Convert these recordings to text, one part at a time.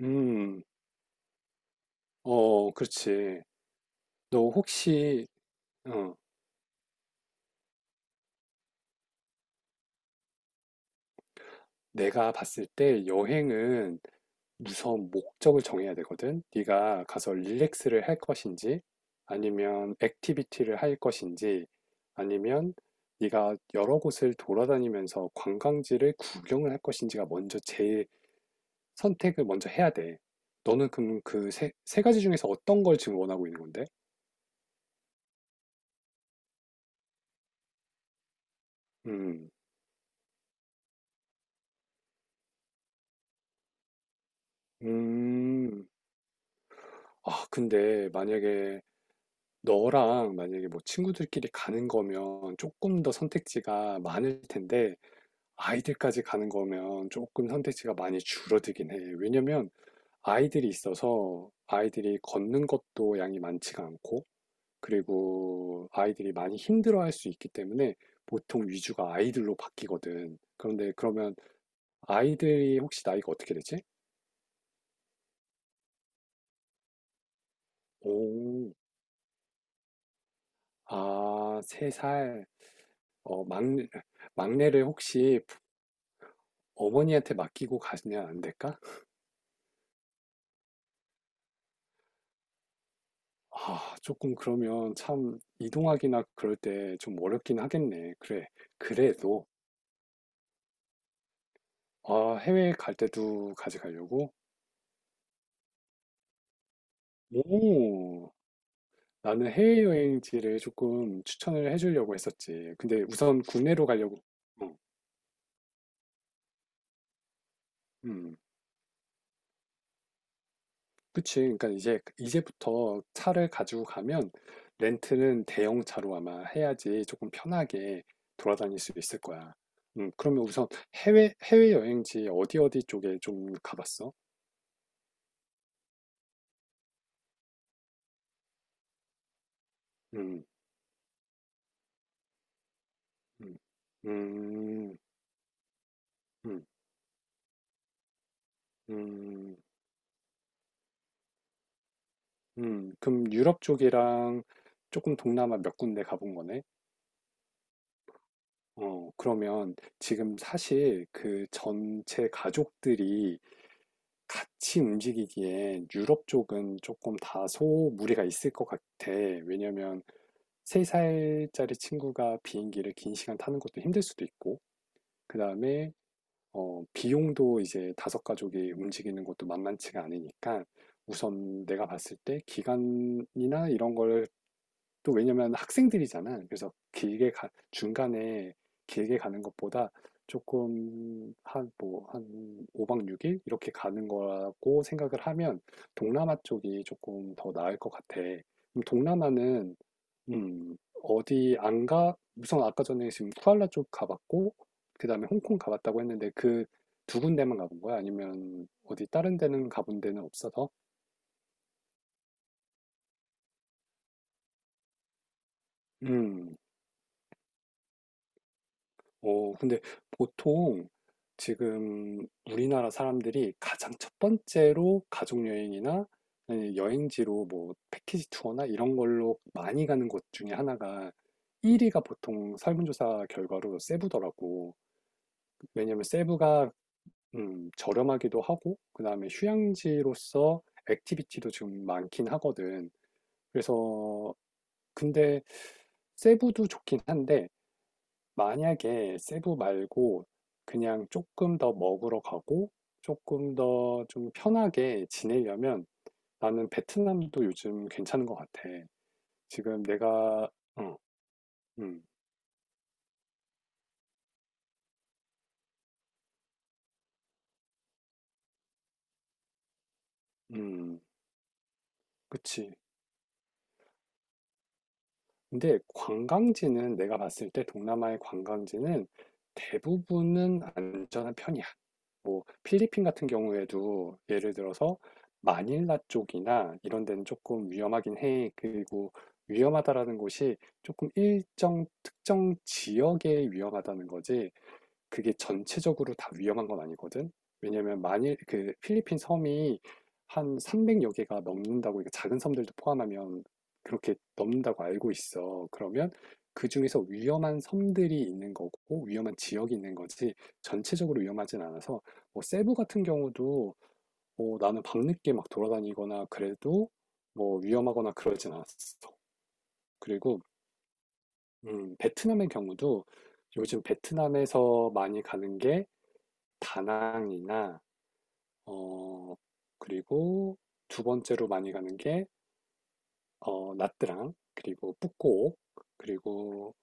음, 어, 그렇지. 너 혹시, 어, 내가 봤을 때 여행은 우선 목적을 정해야 되거든? 네가 가서 릴렉스를 할 것인지, 아니면 액티비티를 할 것인지, 아니면 네가 여러 곳을 돌아다니면서 관광지를 구경을 할 것인지가 먼저 제일 선택을 먼저 해야 돼. 너는 그럼 그 세 가지 중에서 어떤 걸 지금 원하고 있는 건데? 음, 음. 아, 근데 만약에 너랑 만약에 뭐 친구들끼리 가는 거면 조금 더 선택지가 많을 텐데 아이들까지 가는 거면 조금 선택지가 많이 줄어들긴 해. 왜냐면 아이들이 있어서 아이들이 걷는 것도 양이 많지가 않고 그리고 아이들이 많이 힘들어할 수 있기 때문에 보통 위주가 아이들로 바뀌거든. 그런데 그러면 아이들이 혹시 나이가 어떻게 되지? 오, 아, 3살. 어, 막내, 막내를 혹시 어머니한테 맡기고 가시면 안 될까? 아, 조금 그러면 참 이동하기나 그럴 때 좀 어렵긴 하겠네. 그래. 그래도 아, 해외 갈 때도 가져가려고? 오, 나는 해외여행지를 조금 추천을 해주려고 했었지. 근데 우선 국내로 가려고. 어, 음. 그치. 그러니까 이제 이제부터 차를 가지고 가면 렌트는 대형차로 아마 해야지 조금 편하게 돌아다닐 수 있을 거야. 그러면 우선 해외 여행지 어디 어디 쪽에 좀 가봤어? 음, 음, 음, 음, 음, 그럼 유럽 쪽이랑 조금 동남아 몇 군데 가본 거네? 그러면 지금 사실 그 전체 가족들이 같이 움직이기에 유럽 쪽은 조금 다소 무리가 있을 것 같아. 왜냐면 3살짜리 친구가 비행기를 긴 시간 타는 것도 힘들 수도 있고, 그 다음에 비용도 이제 다섯 가족이 움직이는 것도 만만치가 않으니까 우선 내가 봤을 때 기간이나 이런 걸 또 왜냐면 학생들이잖아. 그래서 중간에 길게 가는 것보다 조금 한 뭐 한 5박 6일 이렇게 가는 거라고 생각을 하면 동남아 쪽이 조금 더 나을 것 같아. 그럼 동남아는 음, 어디 안 가? 우선 아까 전에 지금 쿠알라 쪽 가봤고 그다음에 홍콩 가봤다고 했는데 그 두 군데만 가본 거야? 아니면 어디 다른 데는 가본 데는 없어서? 음. 근데 보통 지금 우리나라 사람들이 가장 첫 번째로 가족여행이나 아니면 여행지로 뭐 패키지 투어나 이런 걸로 많이 가는 곳 중에 하나가 1위가 보통 설문조사 결과로 세부더라고. 왜냐면 세부가 저렴하기도 하고, 그 다음에 휴양지로서 액티비티도 좀 많긴 하거든. 그래서, 근데 세부도 좋긴 한데, 만약에 세부 말고 그냥 조금 더 먹으러 가고 조금 더 좀 편하게 지내려면 나는 베트남도 요즘 괜찮은 것 같아. 지금 내가, 어, 음, 음, 그치. 근데 관광지는 내가 봤을 때 동남아의 관광지는 대부분은 안전한 편이야. 뭐 필리핀 같은 경우에도 예를 들어서 마닐라 쪽이나 이런 데는 조금 위험하긴 해. 그리고 위험하다라는 곳이 조금 일정 특정 지역에 위험하다는 거지. 그게 전체적으로 다 위험한 건 아니거든. 왜냐면 만일 그 필리핀 섬이 한 300여 개가 넘는다고, 그러니까 작은 섬들도 포함하면 그렇게 넘는다고 알고 있어. 그러면 그 중에서 위험한 섬들이 있는 거고, 위험한 지역이 있는 거지, 전체적으로 위험하진 않아서, 뭐, 세부 같은 경우도, 뭐, 나는 밤늦게 막 돌아다니거나 그래도, 뭐, 위험하거나 그러진 않았어. 그리고, 베트남의 경우도 요즘 베트남에서 많이 가는 게 다낭이나 어 그리고 두 번째로 많이 가는 게 나트랑 그리고 뿌꼬 그리고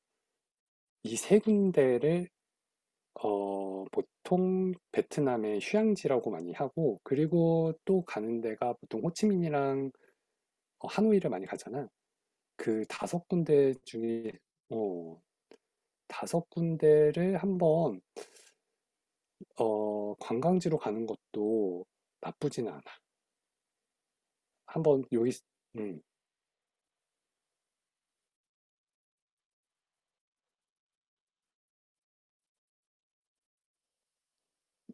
이 세 군데를 보통 베트남의 휴양지라고 많이 하고 그리고 또 가는 데가 보통 호치민이랑 하노이를 많이 가잖아. 그 다섯 군데 중에 어, 다섯 군데를 한번 관광지로 가는 것도 나쁘진 않아. 한번 여기 음,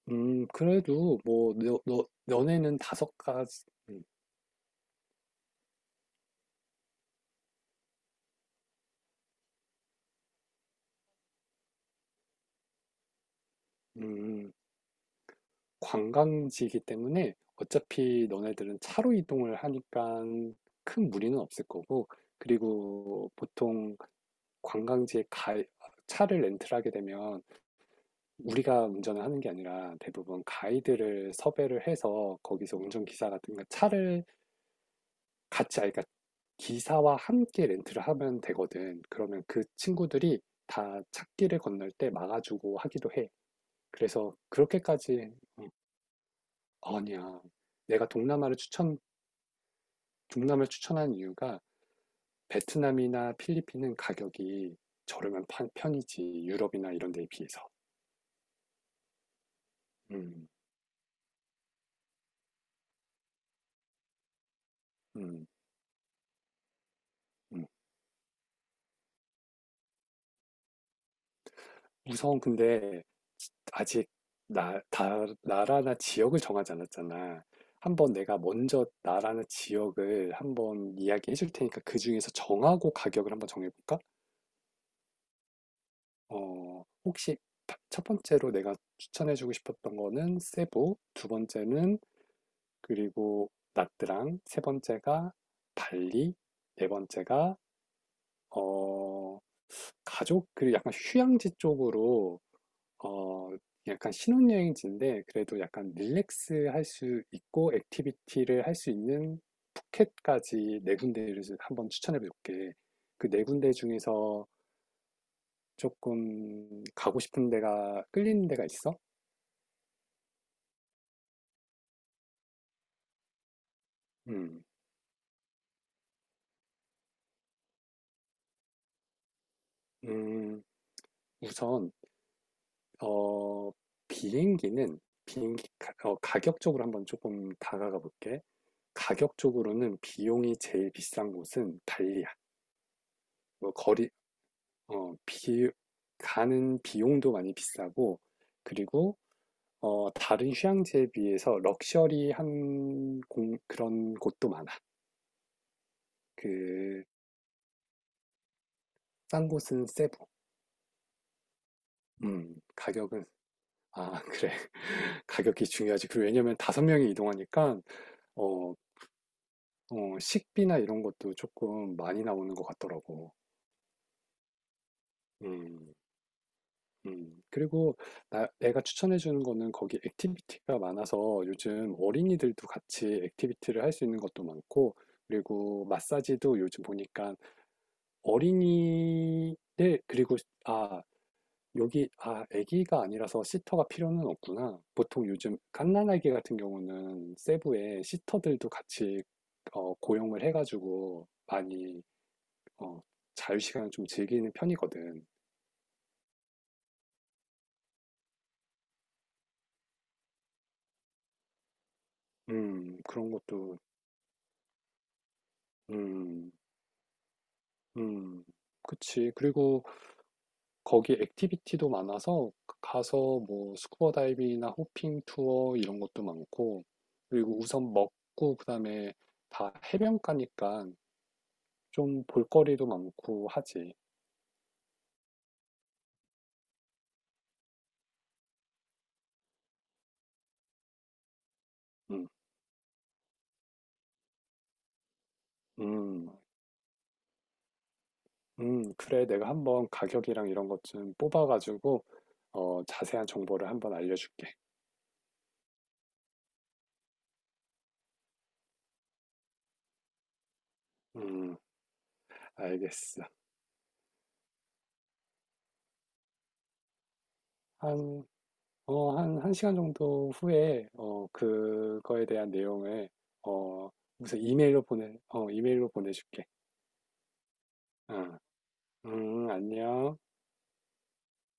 그래도 뭐, 너네는 다섯 가지, 음, 음, 관광지이기 때문에 어차피 너네들은 차로 이동을 하니까 큰 무리는 없을 거고, 그리고 보통 관광지에 가, 차를 렌트를 하게 되면 우리가 운전을 하는 게 아니라 대부분 가이드를 섭외를 해서 거기서 운전기사 같은 거 차를 같이 아 그러니까 기사와 함께 렌트를 하면 되거든. 그러면 그 친구들이 다 찾기를 건널 때 막아주고 하기도 해. 그래서 그렇게까지 음, 아니야. 내가 동남아를 추천한 이유가 베트남이나 필리핀은 가격이 저렴한 편이지 유럽이나 이런 데에 비해서. 음, 음, 음. 우선 근데 아직 나라나 지역을 정하지 않았잖아. 한번 내가 먼저 나라나 지역을 한번 이야기해 줄 테니까 그 중에서 정하고 가격을 한번 정해볼까? 혹시 첫 번째로 내가 추천해주고 싶었던 거는 세부, 두 번째는 그리고 나트랑, 세 번째가 발리, 네 번째가 어, 가족, 그리고 약간 휴양지 쪽으로 어, 약간 신혼여행지인데 그래도 약간 릴렉스 할 수 있고 액티비티를 할 수 있는 푸켓까지 네 군데를 한번 추천해 볼게. 그 네 군데 중에서 조금 가고 싶은 데가 끌리는 데가 있어? 음, 음, 우선 어, 비행기는 가격 쪽으로 한번 조금 다가가 볼게. 가격 쪽으로는 비용이 제일 비싼 곳은 발리야. 뭐 거리 어, 비, 가는 비용도 많이 비싸고, 그리고, 다른 휴양지에 비해서 럭셔리한 그런 곳도 많아. 그, 싼 곳은 세부. 가격은, 아, 그래. 가격이 중요하지. 그리고 왜냐면 다섯 명이 이동하니까, 어, 식비나 이런 것도 조금 많이 나오는 것 같더라고. 음. 그리고 내가 추천해 주는 거는 거기 액티비티가 많아서 요즘 어린이들도 같이 액티비티를 할 수 있는 것도 많고, 그리고 마사지도 요즘 보니까 어린이들, 그리고, 아, 아기가 아니라서 시터가 필요는 없구나. 보통 요즘 갓난아기 같은 경우는 세부에 시터들도 같이 고용을 해가지고 많이 어, 자유시간을 좀 즐기는 편이거든. 그런 것도, 음. 음. 그치. 그리고 거기 액티비티도 많아서 가서 뭐 스쿠버 다이빙이나 호핑 투어 이런 것도 많고 그리고 우선 먹고 그다음에 다 해변가니까 좀 볼거리도 많고 하지. 음. 음. 음. 그래. 내가 한번 가격이랑 이런 것 좀 뽑아가지고 자세한 정보를 한번 알려줄게. 음. 알겠어. 한 1시간 정도 후에, 그거에 대한 내용을, 어, 무슨 이메일로 보내, 어, 이메일로 보내줄게. 응, 안녕.